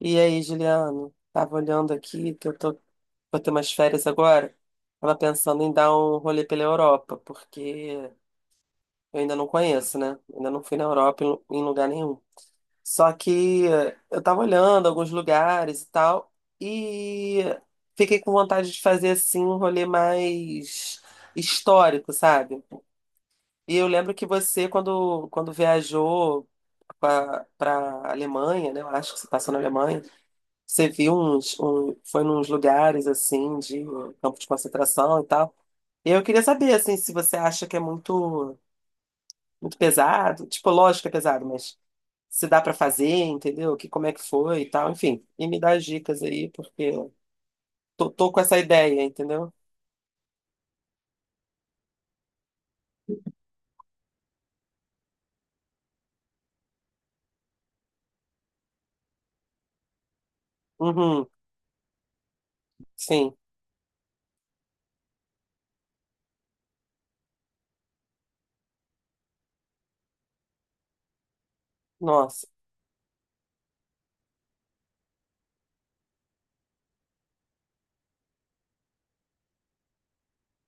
E aí, Juliano? Tava olhando aqui que eu tô, Vou ter umas férias agora. Tava pensando em dar um rolê pela Europa, porque eu ainda não conheço, né? Ainda não fui na Europa em lugar nenhum. Só que eu tava olhando alguns lugares e tal, e fiquei com vontade de fazer assim um rolê mais histórico, sabe? E eu lembro que você, quando viajou para a Alemanha, né? Eu acho que você passou na Alemanha. Você viu foi nos lugares assim de campo de concentração e tal. E eu queria saber assim se você acha que é muito pesado, tipo, lógico que é pesado, mas se dá pra fazer, entendeu? Que como é que foi e tal, enfim. E me dá as dicas aí, porque tô com essa ideia, entendeu? Uhum, sim. Nossa.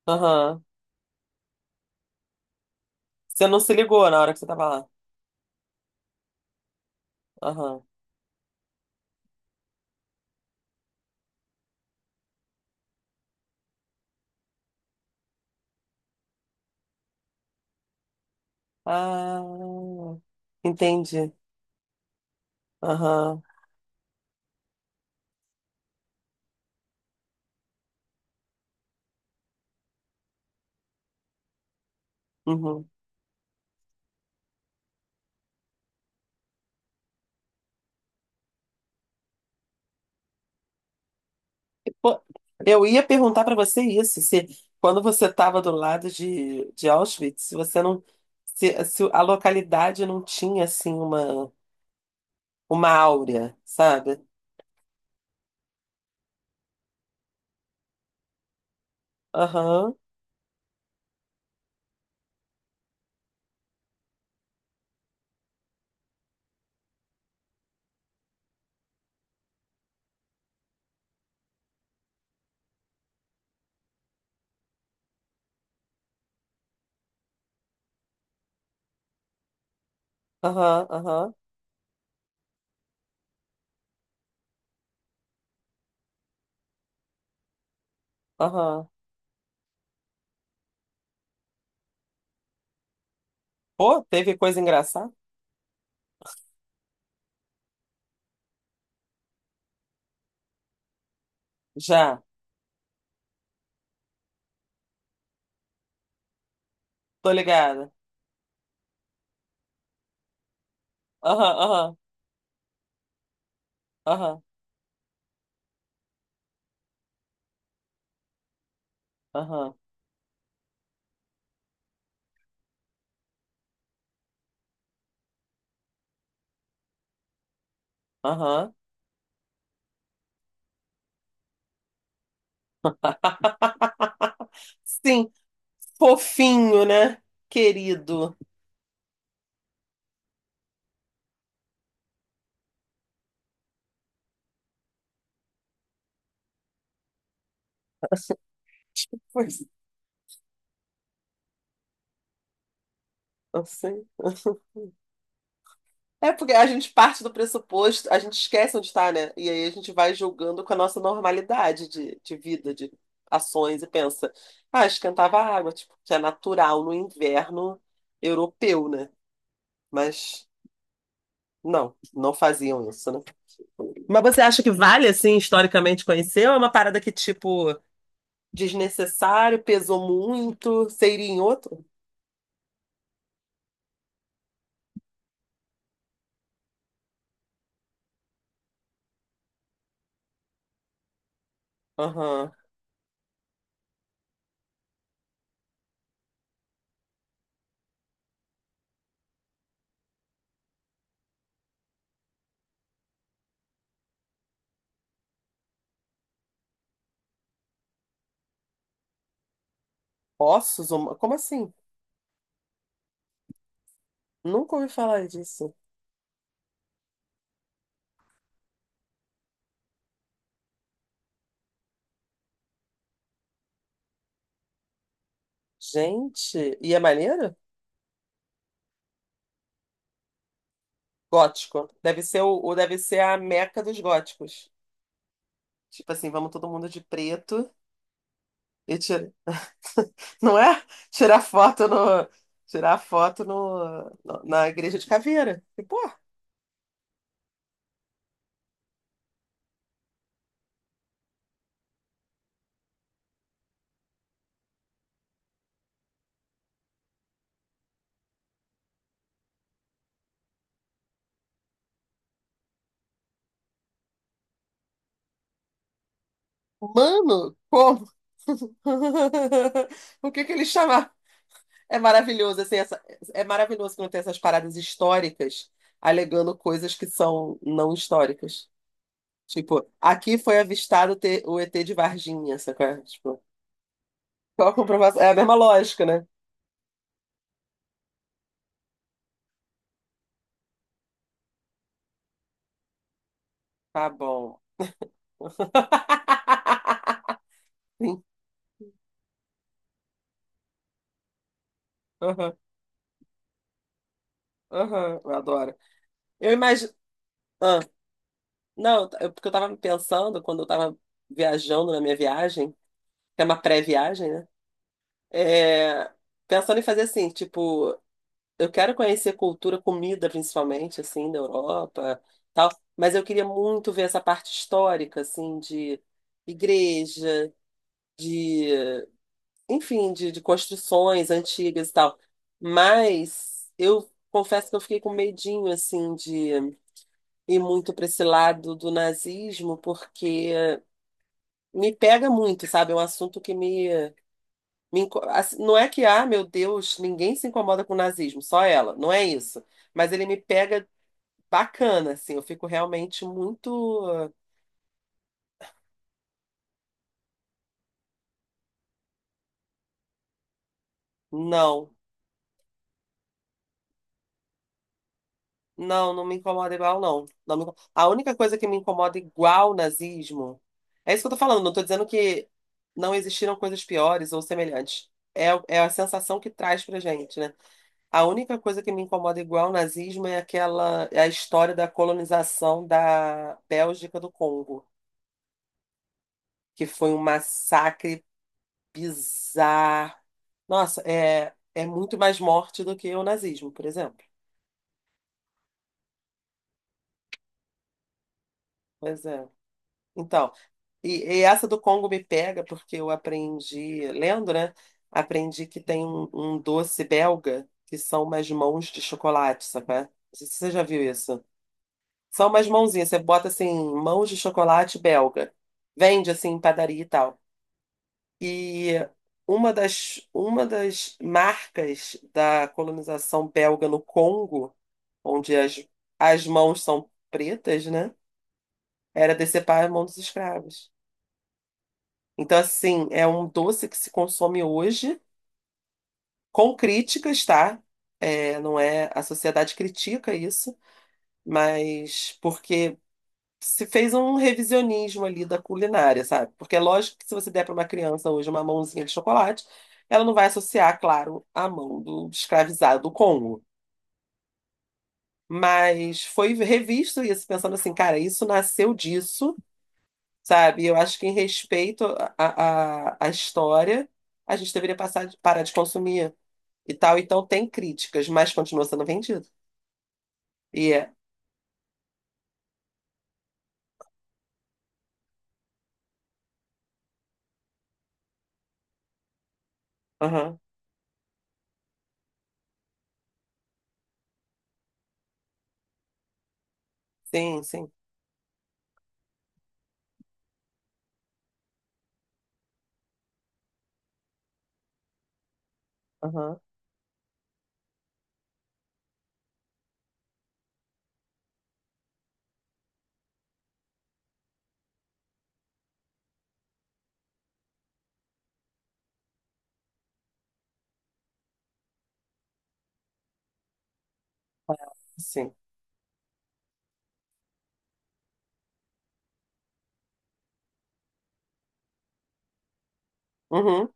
Aham. Você não se ligou na hora que você tava lá. Aham. Ah, entendi. Aham. Uhum. Pô, eu ia perguntar para você isso, se quando você estava do lado de Auschwitz, se você não, se a localidade não tinha assim uma áurea, sabe? Aham, aham, aham, aham. Pô, teve coisa engraçada? Já, tô ligada. Aham, aham, aham, aham, aham. Sim, fofinho, né? Querido. Pois, não sei. É porque a gente parte do pressuposto, a gente esquece onde está, né? E aí a gente vai julgando com a nossa normalidade de vida, de ações, e pensa, ah, esquentava a água, tipo, que é natural no inverno europeu, né? Mas não, não faziam isso, né? Mas você acha que vale, assim, historicamente conhecer, ou é uma parada que, tipo, desnecessário, pesou muito, seria em outro? Aham. Ossos? Como assim? Nunca ouvi falar disso. Gente, e é maneiro? Gótico. Deve ser a meca dos góticos. Tipo assim, vamos todo mundo de preto e tira, não é? Tirar foto no Tirar foto na igreja de caveira. E, pô, mano, como? O que que ele chama? É maravilhoso, assim, essa, É maravilhoso quando tem essas paradas históricas alegando coisas que são não históricas. Tipo, aqui foi o ET de Varginha, sacou? Tipo, qual a comprovação? É a mesma lógica, né? Tá bom. Sim. Aham, aham, eu adoro. Eu imagino. Ah, não, porque eu tava pensando quando eu tava viajando na minha viagem, que é uma pré-viagem, né? É, pensando em fazer assim, tipo. Eu quero conhecer cultura, comida principalmente, assim, da Europa, tal, mas eu queria muito ver essa parte histórica, assim, de igreja, de, enfim, de construções antigas e tal. Mas eu confesso que eu fiquei com medinho, assim, de ir muito para esse lado do nazismo, porque me pega muito, sabe? É um assunto que assim, não é que, ah, meu Deus, ninguém se incomoda com o nazismo, só ela. Não é isso, mas ele me pega bacana, assim. Eu fico realmente muito. Não, não me incomoda igual, não. A única coisa que me incomoda igual nazismo. É isso que eu tô falando, não tô dizendo que não existiram coisas piores ou semelhantes. É, é a sensação que traz pra gente, né? A única coisa que me incomoda igual nazismo é aquela, é a história da colonização da Bélgica do Congo, que foi um massacre bizarro. Nossa, é, é muito mais morte do que o nazismo, por exemplo. Pois é. Então, e essa do Congo me pega porque eu aprendi, lendo, né? Aprendi que tem um doce belga que são umas mãos de chocolate, sabe? Não sei se você já viu isso. São umas mãozinhas, você bota assim, mãos de chocolate belga. Vende assim em padaria e tal. E uma das marcas da colonização belga no Congo, onde as mãos são pretas, né? Era decepar a mão dos escravos. Então, assim, é um doce que se consome hoje, com críticas, tá? É, não é, a sociedade critica isso, mas porque se fez um revisionismo ali da culinária, sabe? Porque é lógico que se você der para uma criança hoje uma mãozinha de chocolate, ela não vai associar, claro, a mão do escravizado do Congo. Mas foi revisto isso, pensando assim, cara, isso nasceu disso, sabe? Eu acho que em respeito à história, a gente deveria parar de consumir e tal. Então tem críticas, mas continua sendo vendido. E é. Aham. Sim, sim. Aham. Ah, sim. Uhum,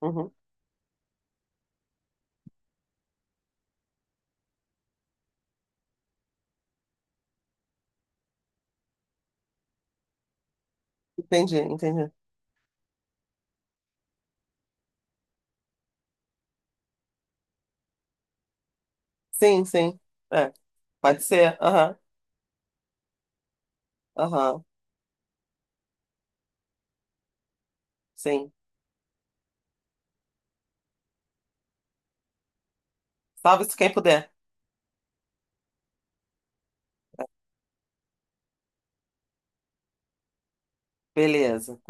uhum. Entendi, entendi. Sim, sim. É. Pode ser. Aham. Aham. Sim. Salve-se quem puder. Beleza.